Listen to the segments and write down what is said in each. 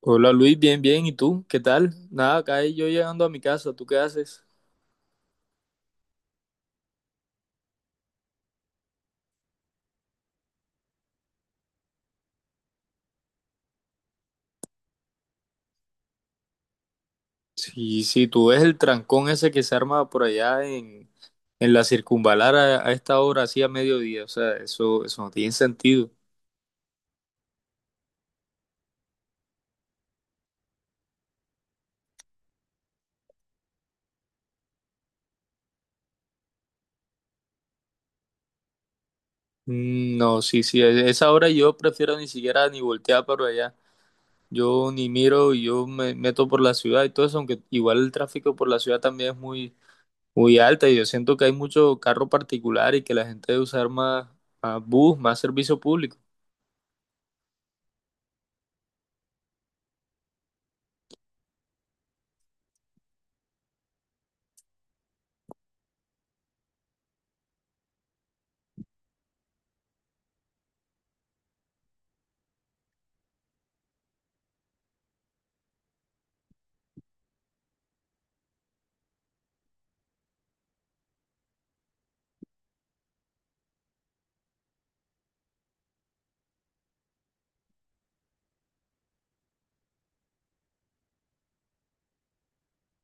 Hola Luis, bien, bien. ¿Y tú? ¿Qué tal? Nada, acá yo llegando a mi casa. ¿Tú qué haces? Sí, sí. Tú ves el trancón ese que se arma por allá en la circunvalar a esta hora, así a mediodía, o sea, eso no tiene sentido. Mm, no, sí, sí, a esa hora yo prefiero ni siquiera ni voltear para allá. Yo ni miro, yo me meto por la ciudad y todo eso, aunque igual el tráfico por la ciudad también es muy alta y yo siento que hay mucho carro particular y que la gente debe usar más bus, más servicio público.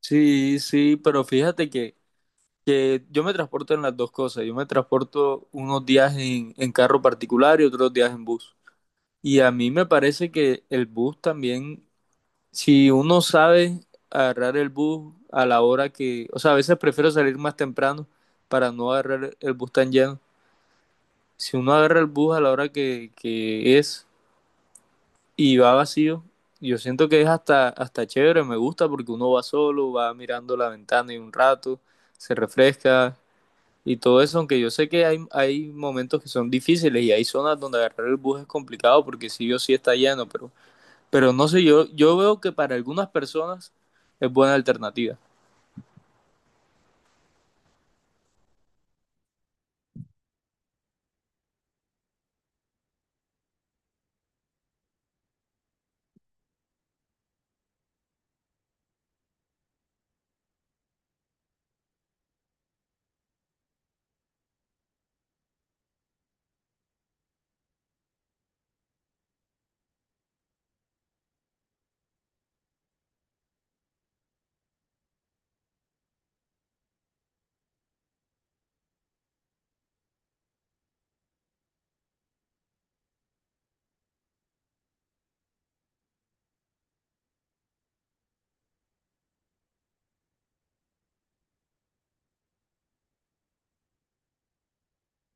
Sí, sí, pero que yo me transporto en las dos cosas. Yo me transporto unos días en carro particular y otros días en bus. Y a mí me parece que el bus también, si uno sabe agarrar el bus a la hora que, o sea, a veces prefiero salir más temprano para no agarrar el bus tan lleno. Si uno agarra el bus a la hora que es, y va vacío. Yo siento que es hasta chévere, me gusta porque uno va solo, va mirando la ventana y un rato, se refresca y todo eso, aunque yo sé que hay momentos que son difíciles y hay zonas donde agarrar el bus es complicado porque sí o sí está lleno, pero no sé, yo veo que para algunas personas es buena alternativa.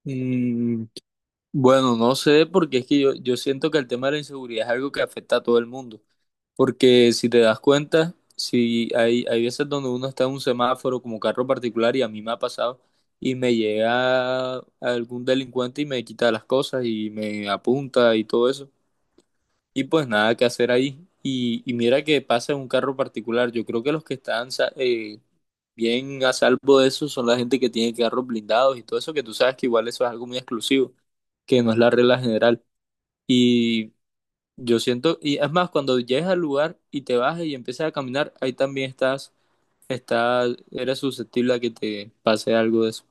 Mm, bueno, no sé porque es que yo siento que el tema de la inseguridad es algo que afecta a todo el mundo. Porque si te das cuenta, si hay veces donde uno está en un semáforo como carro particular y a mí me ha pasado y me llega algún delincuente y me quita las cosas y me apunta y todo eso. Y pues nada que hacer ahí. Y mira que pasa en un carro particular. Yo creo que los que están bien a salvo de eso son la gente que tiene carros blindados y todo eso, que tú sabes que igual eso es algo muy exclusivo, que no es la regla general. Yo siento, y es más, cuando llegues al lugar y te bajas y empiezas a caminar, ahí también estás, eres susceptible a que te pase algo de eso.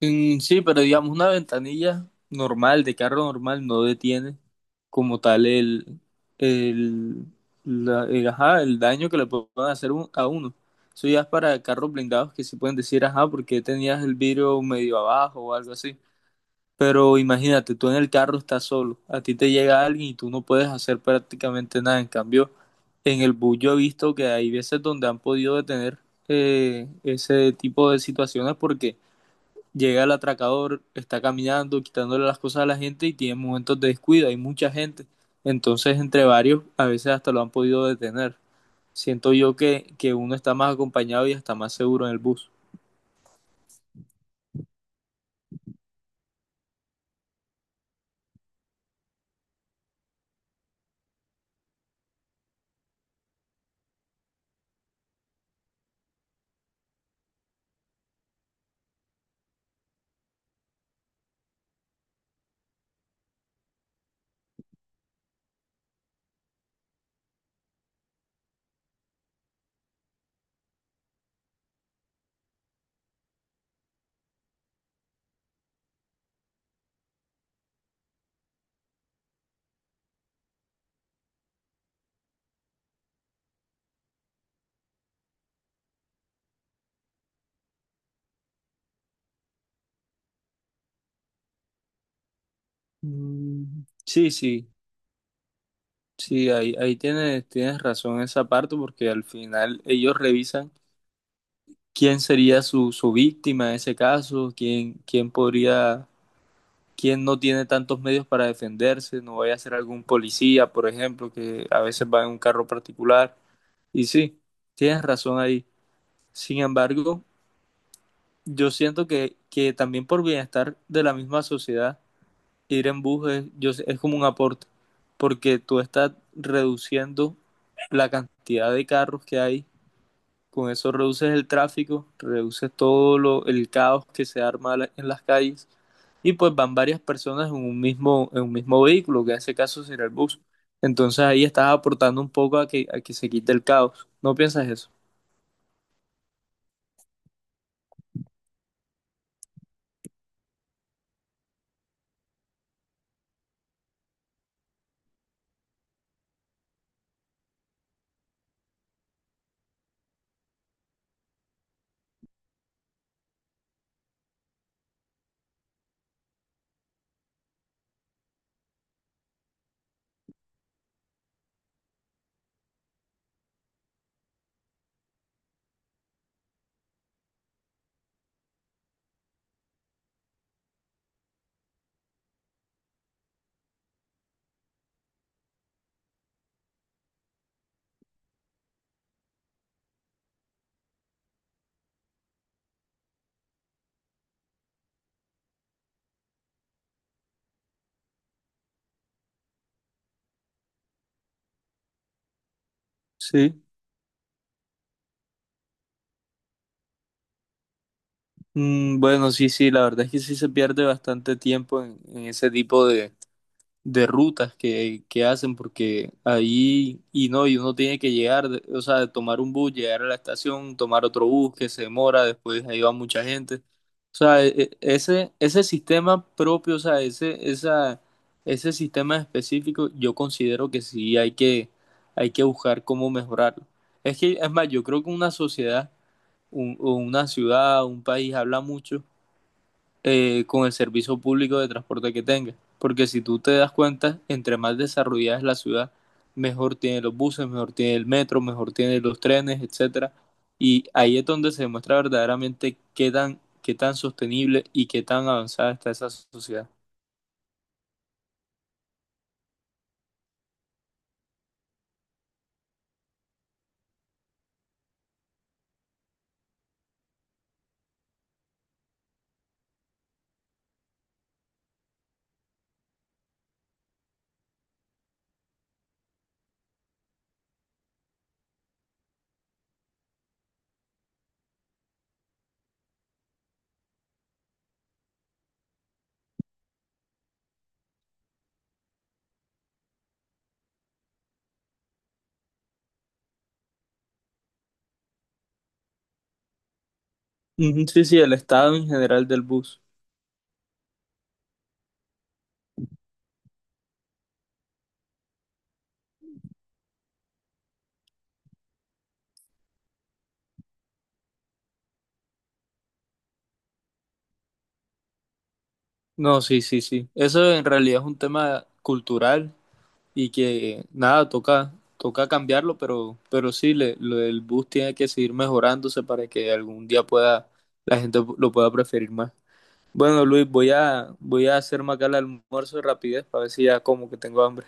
Mm, sí, pero digamos, una ventanilla normal, de carro normal, no detiene como tal el, ajá, el daño que le pueden a uno. Eso ya es para carros blindados que sí pueden decir, ajá, porque tenías el vidrio medio abajo o algo así. Pero imagínate, tú en el carro estás solo, a ti te llega alguien y tú no puedes hacer prácticamente nada. En cambio, en el bus yo he visto que hay veces donde han podido detener ese tipo de situaciones porque llega el atracador, está caminando, quitándole las cosas a la gente y tiene momentos de descuido, hay mucha gente. Entonces, entre varios, a veces hasta lo han podido detener. Siento yo que uno está más acompañado y está más seguro en el bus. Mm, sí, sí. Sí, ahí tienes razón en esa parte porque al final ellos revisan quién sería su víctima en ese caso, quién podría, quién no tiene tantos medios para defenderse, no vaya a ser algún policía, por ejemplo, que a veces va en un carro particular. Y sí, tienes razón ahí. Sin embargo, yo siento que también por bienestar de la misma sociedad ir en bus es, yo sé- es como un aporte, porque tú estás reduciendo la cantidad de carros que hay, con eso reduces el tráfico, reduces todo el caos que se arma en las calles, y pues van varias personas en un en un mismo vehículo, que en ese caso será el bus. Entonces ahí estás aportando un poco a a que se quite el caos. ¿No piensas eso? Sí, mm, bueno, sí, sí, la verdad es que sí se pierde bastante tiempo en ese tipo de rutas que hacen, porque ahí, y no, y uno tiene que llegar, de- o sea, tomar un bus, llegar a la estación, tomar otro bus que se demora, después ahí va mucha gente. O sea, ese sistema propio, ese sistema específico, yo considero que sí hay que buscar cómo mejorarlo. Es que, es más, yo creo que una sociedad, un- o una ciudad, un país habla mucho con el servicio público de transporte que tenga. Porque si tú te das cuenta, entre más desarrollada es la ciudad, mejor tiene los buses, mejor tiene el metro, mejor tiene los trenes, etcétera. Y ahí es donde se demuestra verdaderamente qué tan sostenible y qué tan avanzada está esa sociedad. Ujú, sí, sí, el estado en general del bus. No, sí, sí, sí. Eso en realidad es un tema cultural y que nada, toca, toca cambiarlo, pero sí, le, lo del bus tiene que seguir mejorándose para que algún día pueda, la gente lo pueda preferir más. Bueno, Luis, voy a hacerme acá el almuerzo de rapidez para ver si ya como que tengo hambre.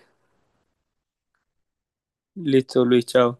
Listo, Luis, chao.